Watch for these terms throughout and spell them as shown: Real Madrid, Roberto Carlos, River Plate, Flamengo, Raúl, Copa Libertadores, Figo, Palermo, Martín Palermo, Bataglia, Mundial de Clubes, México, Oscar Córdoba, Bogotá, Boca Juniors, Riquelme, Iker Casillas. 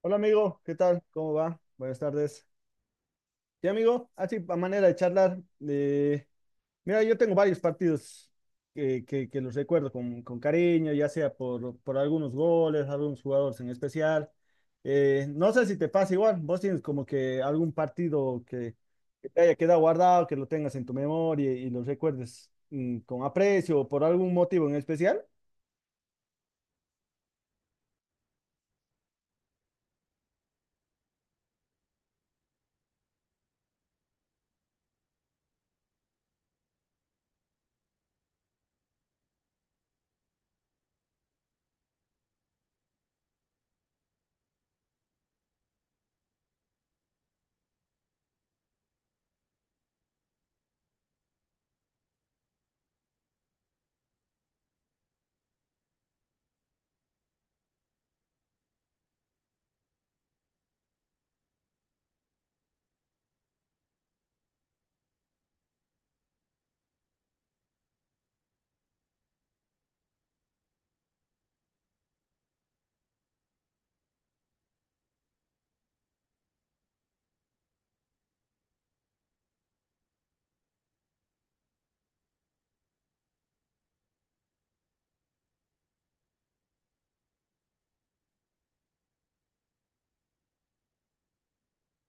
Hola amigo, ¿qué tal? ¿Cómo va? Buenas tardes. Sí amigo, así a manera de charlar, eh, mira, yo tengo varios partidos que los recuerdo con cariño, ya sea por algunos goles, algunos jugadores en especial. No sé si te pasa igual, vos tienes como que algún partido que te haya quedado guardado, que lo tengas en tu memoria y lo recuerdes con aprecio o por algún motivo en especial.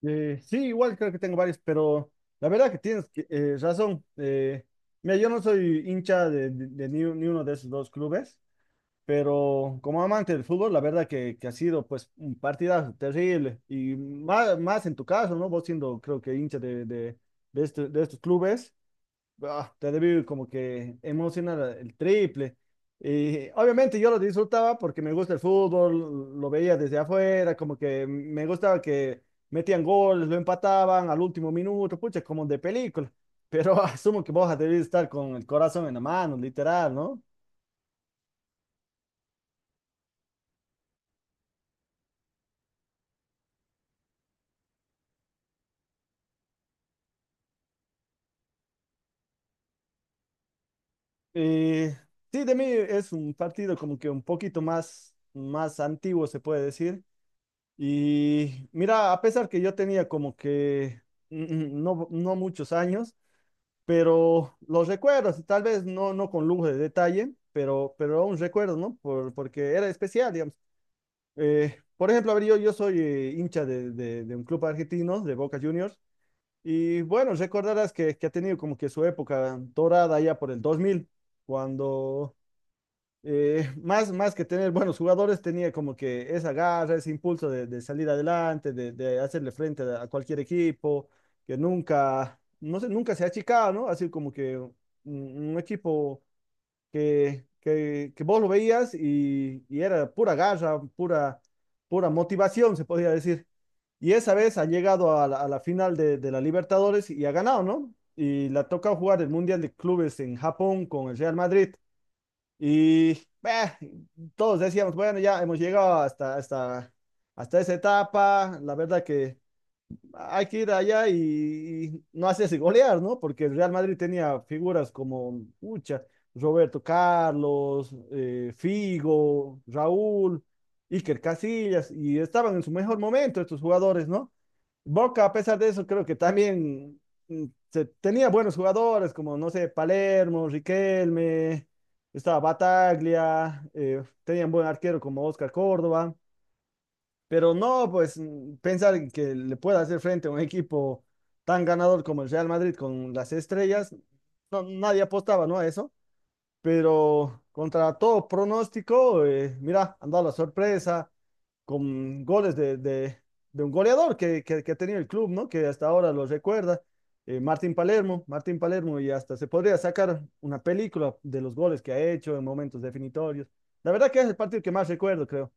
Sí, igual creo que tengo varios, pero la verdad que tienes razón. Mira, yo no soy hincha de ni, ni uno de esos dos clubes, pero como amante del fútbol, la verdad que ha sido pues un partidazo terrible. Y más, más en tu caso, ¿no? Vos siendo creo que hincha de de estos clubes te debe como que emociona el triple. Y obviamente yo lo disfrutaba porque me gusta el fútbol, lo veía desde afuera, como que me gustaba que metían goles, lo empataban al último minuto, pucha, como de película. Pero asumo que vos debes estar con el corazón en la mano, literal, ¿no? Y sí, de mí es un partido como que un poquito más, más antiguo, se puede decir. Y mira, a pesar que yo tenía como que mm, no, no muchos años, pero los recuerdos, tal vez no, no con lujo de detalle, pero aún recuerdo, ¿no? Por, porque era especial, digamos. Por ejemplo, a ver, yo soy hincha de un club argentino, de Boca Juniors, y bueno, recordarás que ha tenido como que su época dorada ya por el 2000, cuando más, más que tener buenos jugadores, tenía como que esa garra, ese impulso de salir adelante, de hacerle frente a cualquier equipo, que nunca, no sé, nunca se ha achicado, ¿no? Así como que un equipo que vos lo veías y era pura garra, pura, pura motivación, se podría decir. Y esa vez ha llegado a la final de la Libertadores y ha ganado, ¿no? Y la toca jugar el Mundial de Clubes en Japón con el Real Madrid. Y bah, todos decíamos, bueno, ya hemos llegado hasta esa etapa, la verdad que hay que ir allá y no hacerse golear, ¿no? Porque el Real Madrid tenía figuras como, muchas, Roberto Carlos, Figo, Raúl, Iker Casillas, y estaban en su mejor momento estos jugadores, ¿no? Boca, a pesar de eso, creo que también mm, tenía buenos jugadores, como, no sé, Palermo, Riquelme, estaba Bataglia, tenía un buen arquero como Oscar Córdoba, pero no, pues, pensar en que le pueda hacer frente a un equipo tan ganador como el Real Madrid con las estrellas, no, nadie apostaba, ¿no? A eso, pero contra todo pronóstico, mira, han dado la sorpresa, con goles de un goleador ha tenido el club, ¿no? Que hasta ahora lo recuerda, Martín Palermo, Martín Palermo, y hasta se podría sacar una película de los goles que ha hecho en momentos definitorios. La verdad que es el partido que más recuerdo, creo.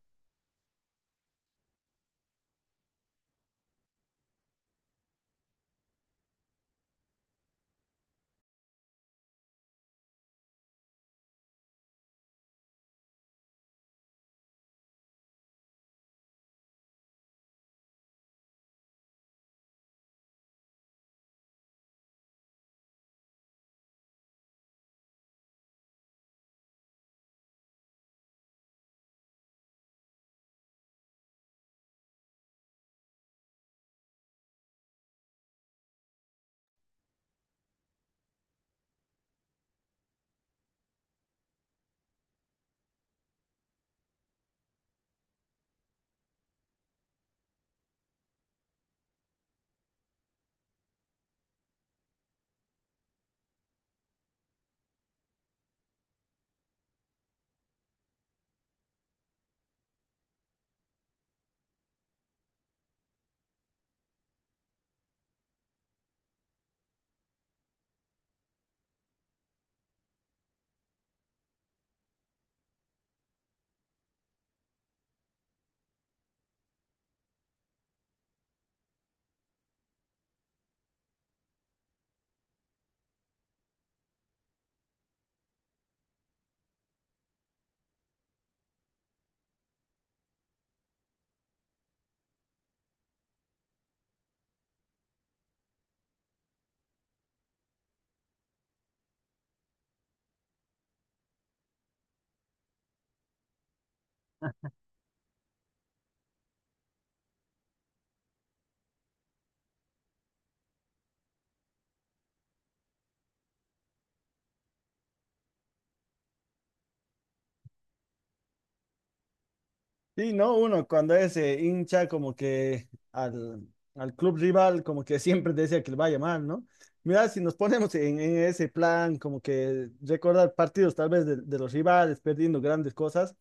Y ¿no? Uno cuando es hincha como que al club rival como que siempre desea que le vaya mal, ¿no? Mira, si nos ponemos en ese plan como que recordar partidos tal vez de los rivales perdiendo grandes cosas,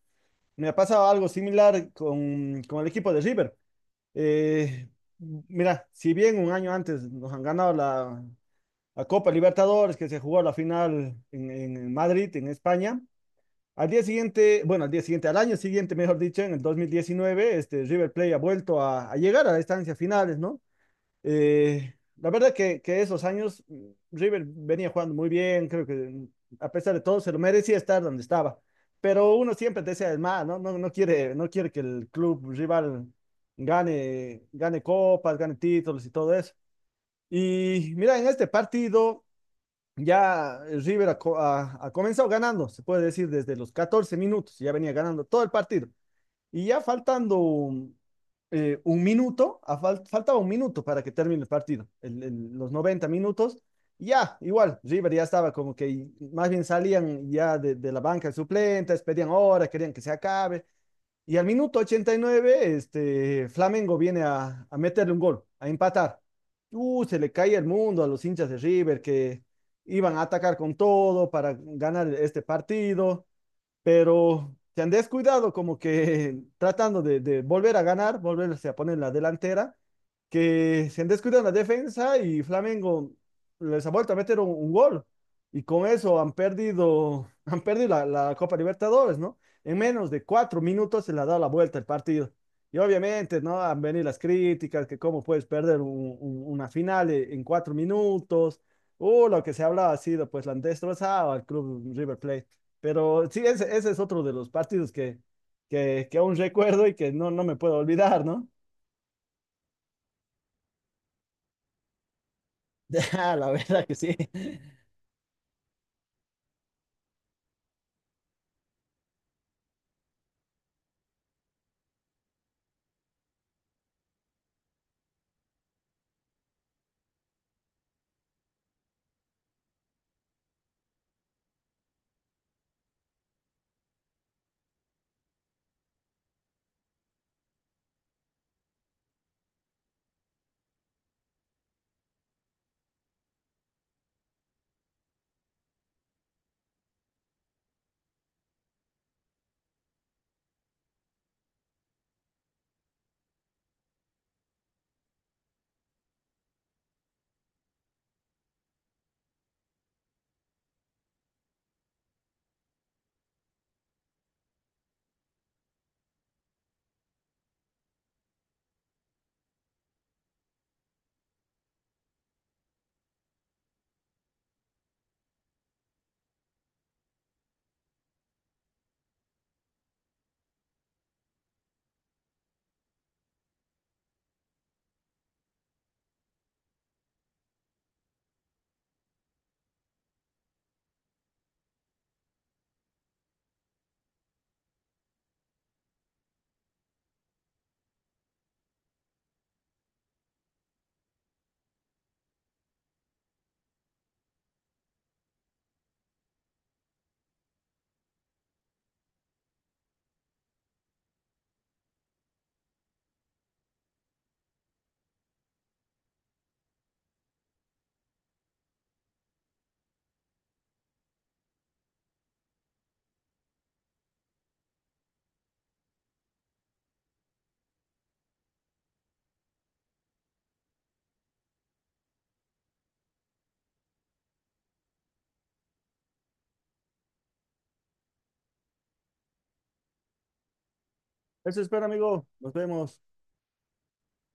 me ha pasado algo similar con el equipo de River. Eh, mira, si bien un año antes nos han ganado la, la Copa Libertadores, que se jugó la final en Madrid, en España, al día siguiente, bueno, al año siguiente, mejor dicho, en el 2019 este, River Plate ha vuelto a llegar a las instancias finales, ¿no? La verdad que esos años River venía jugando muy bien, creo que a pesar de todo se lo merecía estar donde estaba, pero uno siempre desea el más, ¿no? No, no quiere, no quiere que el club rival gane, gane copas, gane títulos y todo eso. Y mira, en este partido ya el River ha comenzado ganando, se puede decir desde los 14 minutos, ya venía ganando todo el partido. Y ya faltando un minuto, faltaba un minuto para que termine el partido, los 90 minutos. Y ya, igual, River ya estaba como que más bien salían ya de la banca de suplentes, pedían hora, querían que se acabe. Y al minuto 89 este, Flamengo viene a meterle un gol, a empatar. Se le cae el mundo a los hinchas de River que iban a atacar con todo para ganar este partido, pero se han descuidado como que tratando de volver a ganar, volverse a poner en la delantera, que se han descuidado en la defensa y Flamengo les ha vuelto a meter un gol. Y con eso han perdido, han perdido la, la Copa Libertadores, ¿no? En menos de 4 minutos se le ha dado la vuelta el partido. Y obviamente, ¿no? Han venido las críticas, que cómo puedes perder una final en 4 minutos. Lo que se hablaba ha sido, pues, la han destrozado al club River Plate. Pero sí, ese es otro de los partidos que, que aún recuerdo y que no, no me puedo olvidar, ¿no? Ah, la verdad que sí. Eso espero, amigo. Nos vemos.